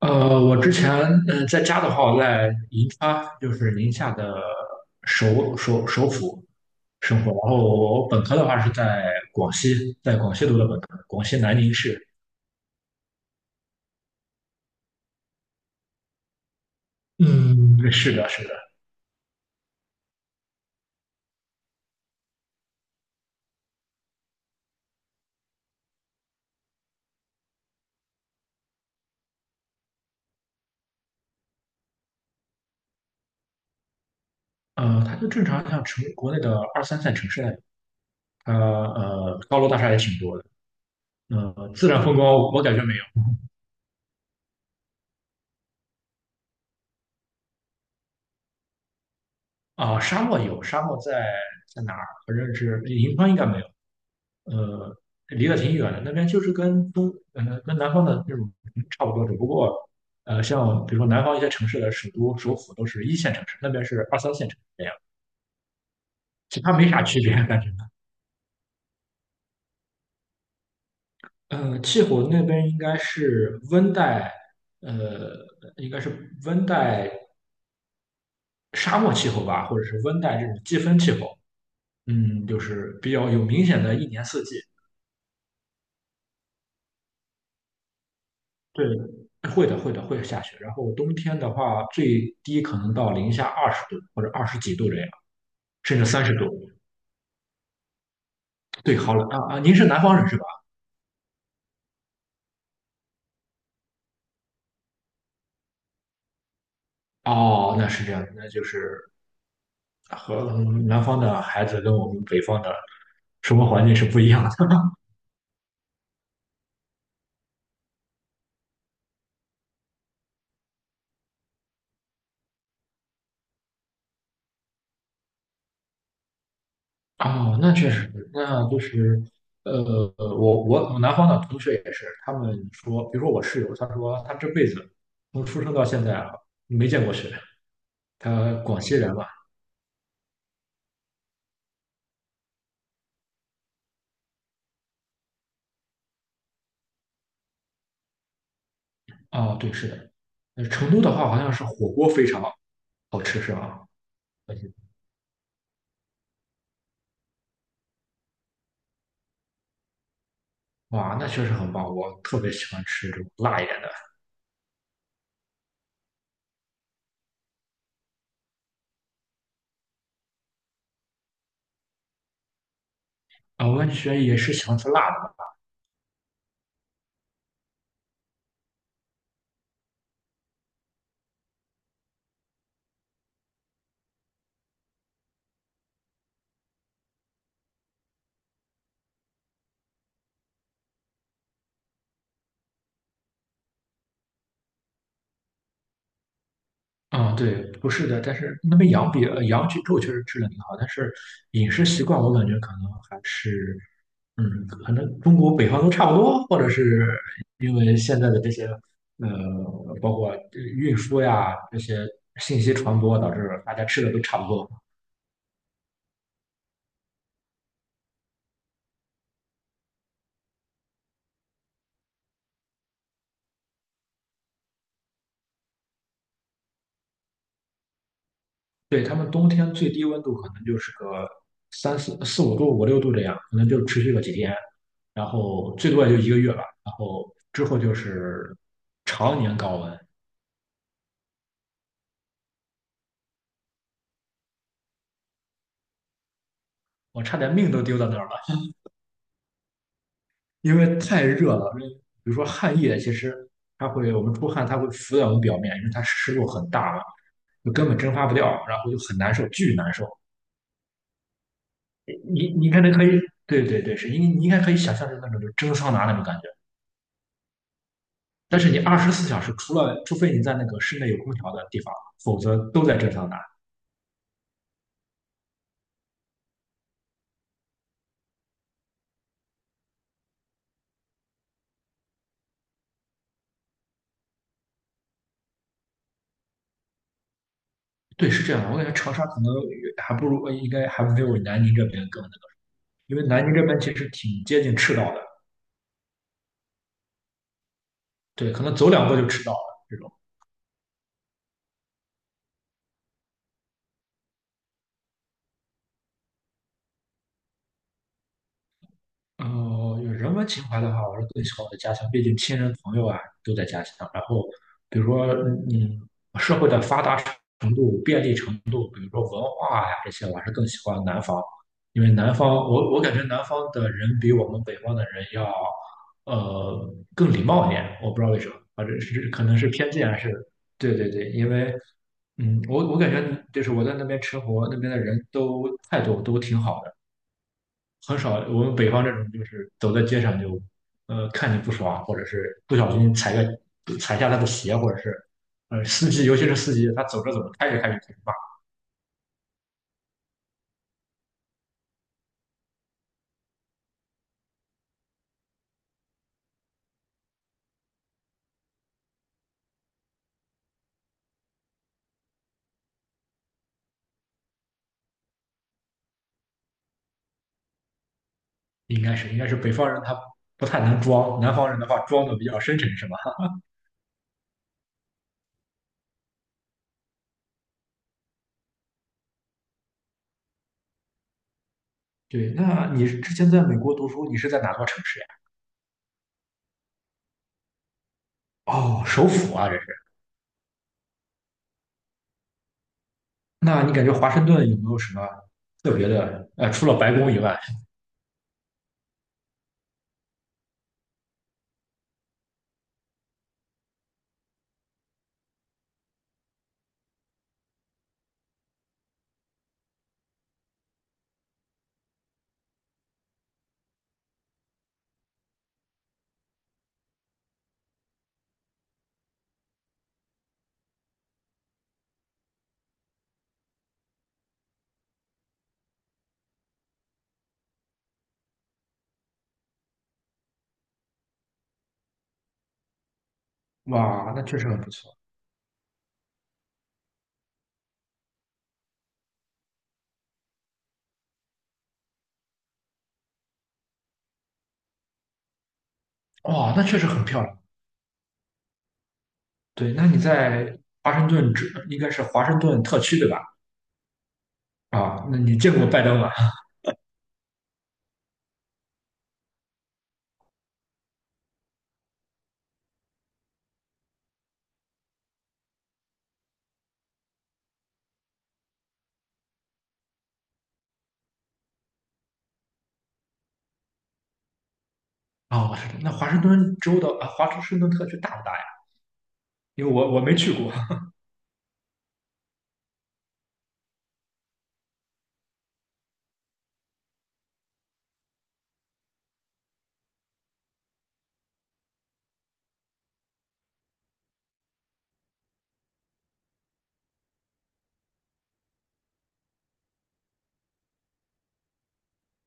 我之前在家的话，我在银川，就是宁夏的首府生活。然后我本科的话是在广西，在广西读的本科，广西南宁市。嗯，是的，是的。它就正常像国内的二三线城市那样，它高楼大厦也挺多的。自然风光我感觉没有。啊、沙漠有，沙漠在哪儿？反正是银川应该没有，呃，离得挺远的。那边就是跟南方的那种差不多，只不过，像比如说南方一些城市的首都、首府都是一线城市，那边是二三线城市这样，其他没啥区别，感觉气候那边应该是温带，呃，应该是温带沙漠气候吧，或者是温带这种季风气候。就是比较有明显的一年四季。对，会的，会的，会下雪。然后冬天的话，最低可能到-20度或者20几度这样，甚至30度。对，好冷啊啊！您是南方人是吧？哦，那是这样的，那就是和南方的孩子跟我们北方的生活环境是不一样的。哦，那确实，那就是，我南方的同学也是，他们说，比如说我室友，他说他这辈子从出生到现在啊，没见过雪。他广西人嘛，哦，对，是的。那成都的话，好像是火锅非常好吃，是吧？我记得哇，那确实很棒，我特别喜欢吃这种辣一点的。啊，我感觉也是喜欢吃辣的啊，嗯对，不是的，但是那边羊比羊脊肉确实吃的挺好，但是饮食习惯我感觉可能还是，可能中国北方都差不多，或者是因为现在的这些呃，包括运输呀这些信息传播，导致大家吃的都差不多。对，他们冬天最低温度可能就是个三四四五度、五六度这样，可能就持续个几天，然后最多也就一个月吧。然后之后就是常年高温，我差点命都丢到那儿了，因为太热了。比如说汗液，其实我们出汗，它会浮在我们表面，因为它湿度很大嘛，就根本蒸发不掉，然后就很难受，巨难受。你应该可以，对对对，是因为你应该可以想象成那种就是蒸桑拿那种感觉。但是你24小时，除非你在那个室内有空调的地方，否则都在正上拿。对，是这样的。我感觉长沙可能还不如，应该还没有南宁这边更那个，因为南宁这边其实挺接近赤道的，对，可能走两步就赤道了这种。有人文情怀的话，我是更喜欢我的家乡，毕竟亲人朋友啊都在家乡。然后，比如说，嗯，社会的发达程度、便利程度，比如说文化呀、这些，我还是更喜欢南方，因为南方，我感觉南方的人比我们北方的人要，更礼貌一点。我不知道为什么，啊，这是可能是偏见还是？对对对，因为，我感觉就是我在那边吃活，那边的人都态度都挺好的。很少，我们北方这种就是走在街上就，看你不爽，或者是不小心踩下他的鞋，或者是，司机，尤其是司机，他走着走着开着开着开始骂，应该是北方人他不太能装，南方人的话装的比较深沉，是吧？对，那你之前在美国读书，你是在哪座城市呀？哦，首府啊，这是。那你感觉华盛顿有没有什么特别的？除了白宫以外，哇，那确实很不错，哇，那确实很漂亮。对，那你在华盛顿只应该是华盛顿特区对吧？啊，那你见过拜登吗？哦，那华盛顿州的啊，华盛顿特区大不大呀？因为我没去过。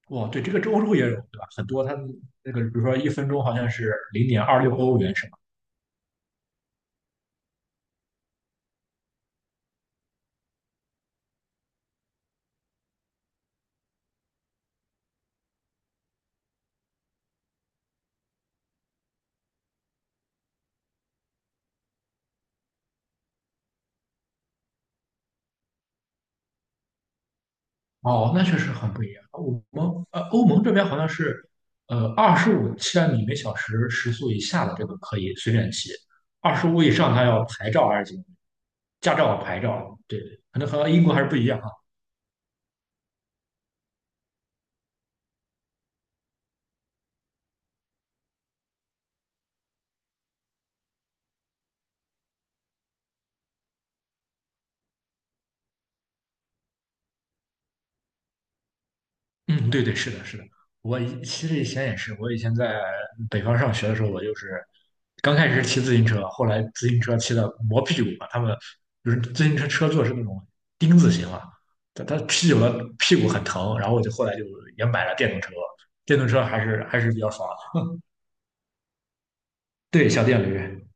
哇，对，这个州也有对吧？很多它那个，比如说1分钟好像是0.26欧元是吧？哦，那确实很不一样。我们欧盟这边好像是25千米每小时时速以下的这个可以随便骑，二十五以上它要牌照还是驾照牌照，对，可能和英国还是不一样。嗯，对对，是的，是的。其实以前也是，我以前在北方上学的时候，我就是刚开始骑自行车，后来自行车骑的磨屁股嘛。他们就是自行车车座是那种钉子型嘛，他骑久了屁股很疼。然后我就后来就也买了电动车，电动车还是比较爽。对，小电驴。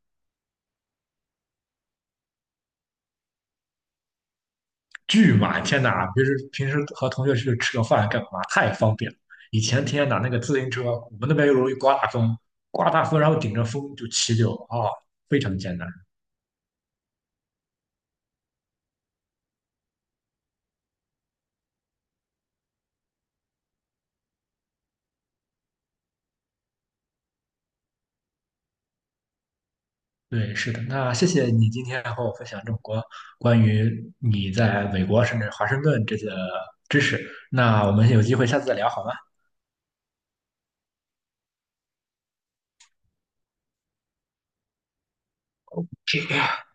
巨满，天哪！平时和同学去吃个饭干嘛？太方便了。以前天哪，那个自行车，我们那边又容易刮大风，刮大风然后顶着风就骑非常艰难。对，是的。那谢谢你今天和我分享这么多关于你在美国甚至华盛顿这些知识。那我们有机会下次再聊好吗？是的。